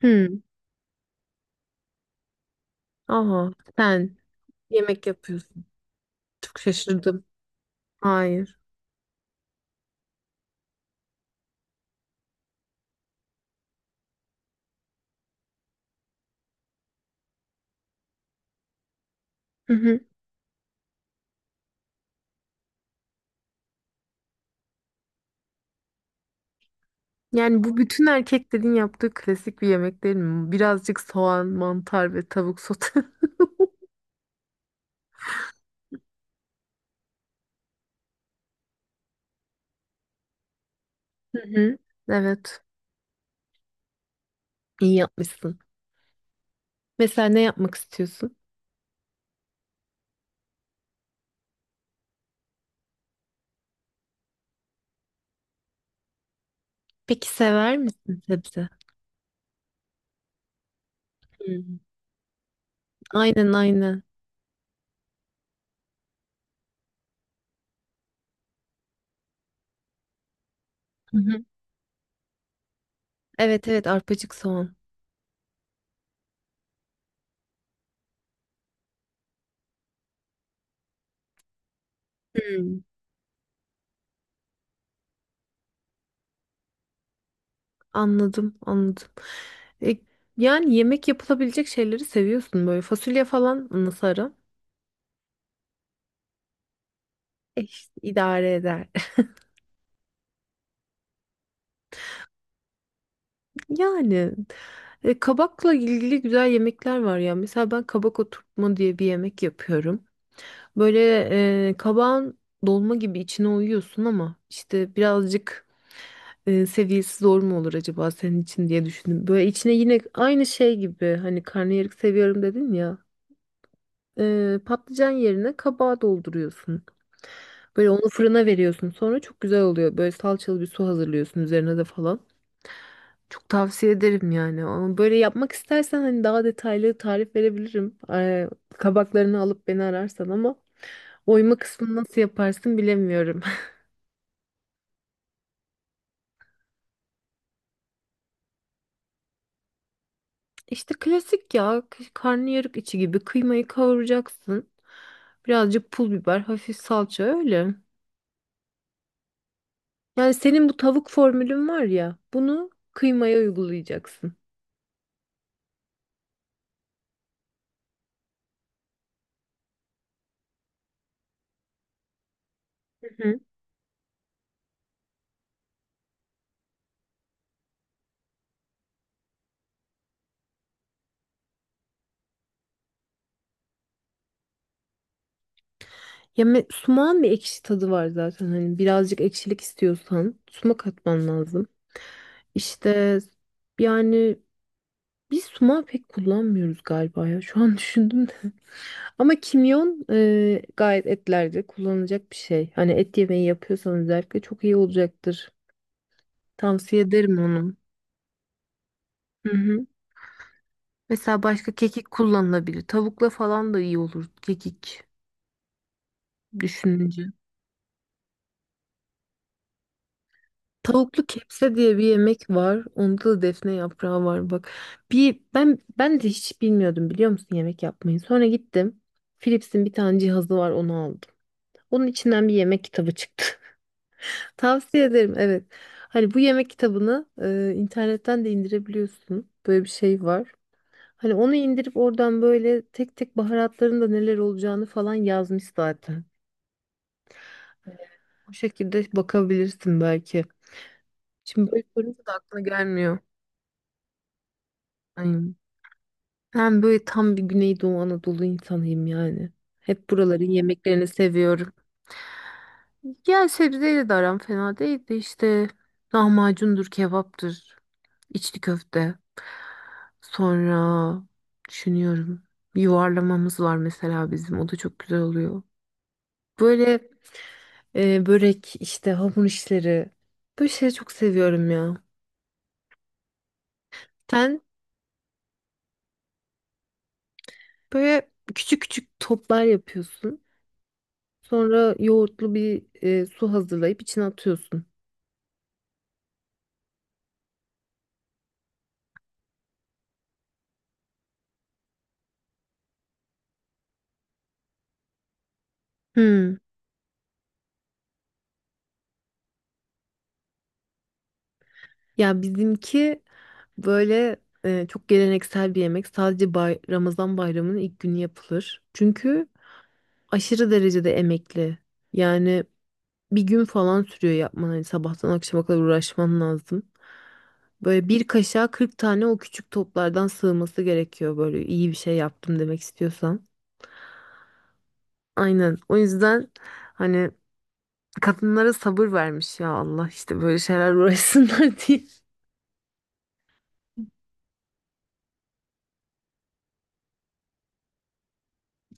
Hmm. Aha, sen yemek yapıyorsun. Çok şaşırdım. Hayır. Hı hı. Yani bu bütün erkeklerin yaptığı klasik bir yemek değil mi? Birazcık soğan, mantar ve tavuk sote. Hı hı. Evet. İyi yapmışsın. Mesela ne yapmak istiyorsun? Peki sever misin sebze? Hmm. Aynen aynen. Hı hı. Evet evet, arpacık soğan. Hmm. Anladım anladım. E, yani yemek yapılabilecek şeyleri seviyorsun böyle. Fasulye falan nasıl ara? İşte idare eder. Yani kabakla ilgili güzel yemekler var ya. Mesela ben kabak oturtma diye bir yemek yapıyorum. Böyle kabağın dolma gibi içine uyuyorsun ama işte birazcık seviyesi zor mu olur acaba senin için diye düşündüm. Böyle içine yine aynı şey gibi hani karnıyarık seviyorum dedin ya. Patlıcan yerine kabağı dolduruyorsun. Böyle onu fırına veriyorsun. Sonra çok güzel oluyor. Böyle salçalı bir su hazırlıyorsun üzerine de falan. Çok tavsiye ederim yani. Ama böyle yapmak istersen hani daha detaylı tarif verebilirim. Kabaklarını alıp beni ararsan ama oyma kısmını nasıl yaparsın bilemiyorum. İşte klasik ya karnıyarık içi gibi kıymayı kavuracaksın. Birazcık pul biber, hafif salça öyle. Yani senin bu tavuk formülün var ya bunu kıymaya uygulayacaksın. Hı hı. Sumağın bir ekşi tadı var zaten, hani birazcık ekşilik istiyorsan sumak atman lazım. İşte yani Biz sumağı pek kullanmıyoruz galiba ya. Şu an düşündüm de. Ama kimyon gayet etlerde kullanılacak bir şey. Hani et yemeği yapıyorsan özellikle çok iyi olacaktır. Tavsiye ederim onu. Hı hı. Mesela başka kekik kullanılabilir. Tavukla falan da iyi olur kekik düşününce. Tavuklu kepse diye bir yemek var. Onda da defne yaprağı var bak. Bir ben de hiç bilmiyordum biliyor musun yemek yapmayı. Sonra gittim. Philips'in bir tane cihazı var, onu aldım. Onun içinden bir yemek kitabı çıktı. Tavsiye ederim evet. Hani bu yemek kitabını internetten de indirebiliyorsun. Böyle bir şey var. Hani onu indirip oradan böyle tek tek baharatların da neler olacağını falan yazmış zaten. Hani O şekilde bakabilirsin belki. Şimdi böyle sorunca da aklına gelmiyor. Aynen. Ben böyle tam bir Güneydoğu Anadolu insanıyım yani. Hep buraların yemeklerini seviyorum. Yani sebzeyle de aram fena değil de işte lahmacundur, kebaptır, içli köfte. Sonra düşünüyorum, yuvarlamamız var mesela bizim, o da çok güzel oluyor. Böyle börek, işte hamur işleri, böyle şeyleri çok seviyorum ya. Sen böyle küçük küçük toplar yapıyorsun. Sonra yoğurtlu bir su hazırlayıp içine atıyorsun. Hmm. Ya bizimki böyle çok geleneksel bir yemek. Sadece Ramazan bayramının ilk günü yapılır. Çünkü aşırı derecede emekli. Yani bir gün falan sürüyor yapman. Hani sabahtan akşama kadar uğraşman lazım. Böyle bir kaşığa 40 tane o küçük toplardan sığması gerekiyor, böyle iyi bir şey yaptım demek istiyorsan. Aynen. O yüzden hani kadınlara sabır vermiş ya Allah, işte böyle şeyler uğraşsınlar diye.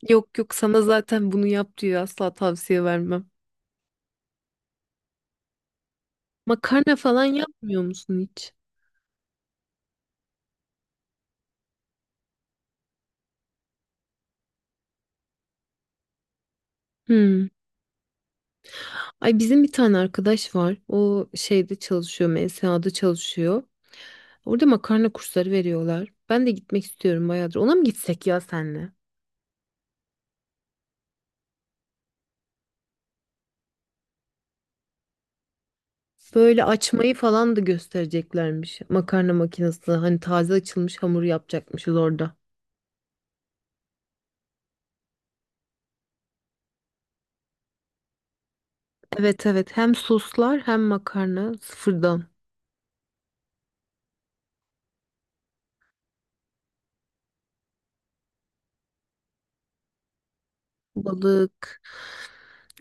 Yok yok, sana zaten bunu yap diyor asla, tavsiye vermem. Makarna falan yapmıyor musun hiç? Hmm. Ay, bizim bir tane arkadaş var. O şeyde çalışıyor, MSA'da çalışıyor. Orada makarna kursları veriyorlar. Ben de gitmek istiyorum bayağıdır. Ona mı gitsek ya senle? Böyle açmayı falan da göstereceklermiş. Makarna makinesi. Hani taze açılmış hamur yapacakmışız orada. Evet evet. Hem soslar hem makarna sıfırdan. Balık.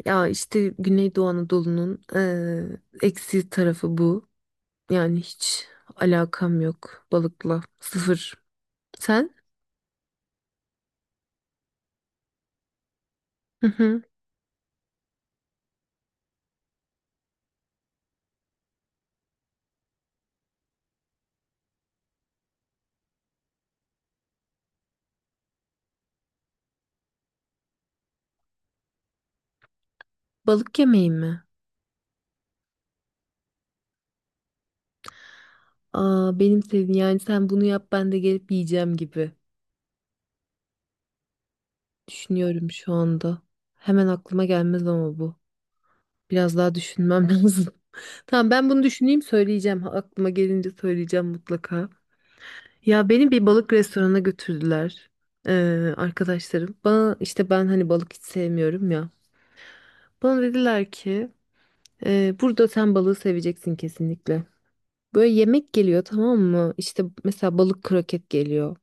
Ya işte Güneydoğu Anadolu'nun eksi tarafı bu. Yani hiç alakam yok balıkla. Sıfır. Sen? Hı hı. Balık yemeği mi? Aa, benim sevdiğim yani, sen bunu yap ben de gelip yiyeceğim gibi. Düşünüyorum şu anda. Hemen aklıma gelmez ama bu. Biraz daha düşünmem lazım. Tamam, ben bunu düşüneyim söyleyeceğim. Aklıma gelince söyleyeceğim mutlaka. Ya beni bir balık restoranına götürdüler arkadaşlarım. Bana işte, ben hani balık hiç sevmiyorum ya. Bana dediler ki burada sen balığı seveceksin kesinlikle. Böyle yemek geliyor tamam mı? İşte mesela balık kroket geliyor.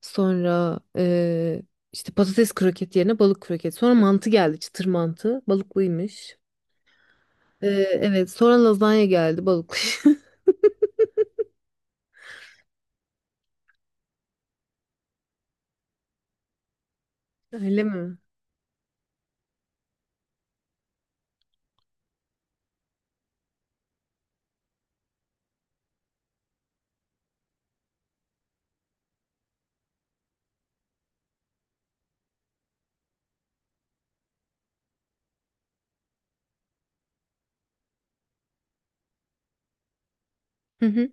Sonra işte patates kroket yerine balık kroket. Sonra mantı geldi, çıtır mantı balıklıymış. Evet, sonra lazanya geldi balıklı. Öyle mi? Hı hı.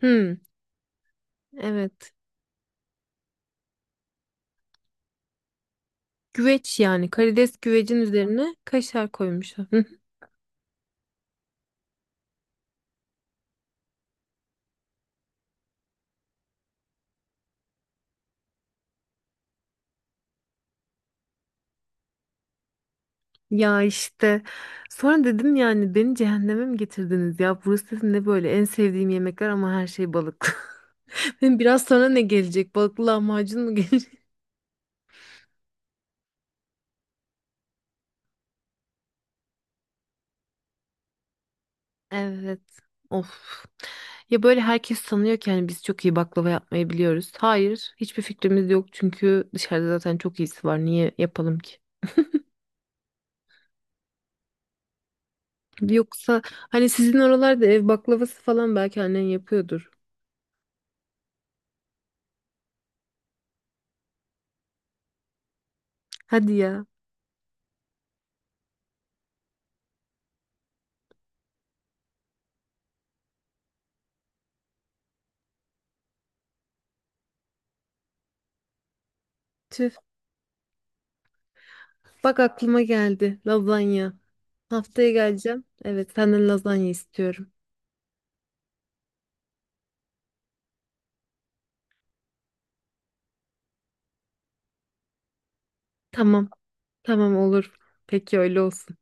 Hmm, evet. Güveç yani, karides güvecin üzerine kaşar koymuşlar. Hı hı. Ya işte sonra dedim, yani beni cehenneme mi getirdiniz ya? Burası dedim ne böyle, en sevdiğim yemekler ama her şey balık. Dedim, biraz sonra ne gelecek? Balıklı lahmacun mu gelecek? Evet. Of. Ya böyle herkes sanıyor ki hani biz çok iyi baklava yapmayı biliyoruz. Hayır, hiçbir fikrimiz yok çünkü dışarıda zaten çok iyisi var. Niye yapalım ki? Yoksa hani sizin oralarda ev baklavası falan belki annen yapıyordur. Hadi ya. Tüh. Bak aklıma geldi. Lazanya. Haftaya geleceğim. Evet, senden lazanya istiyorum. Tamam. Tamam olur. Peki öyle olsun.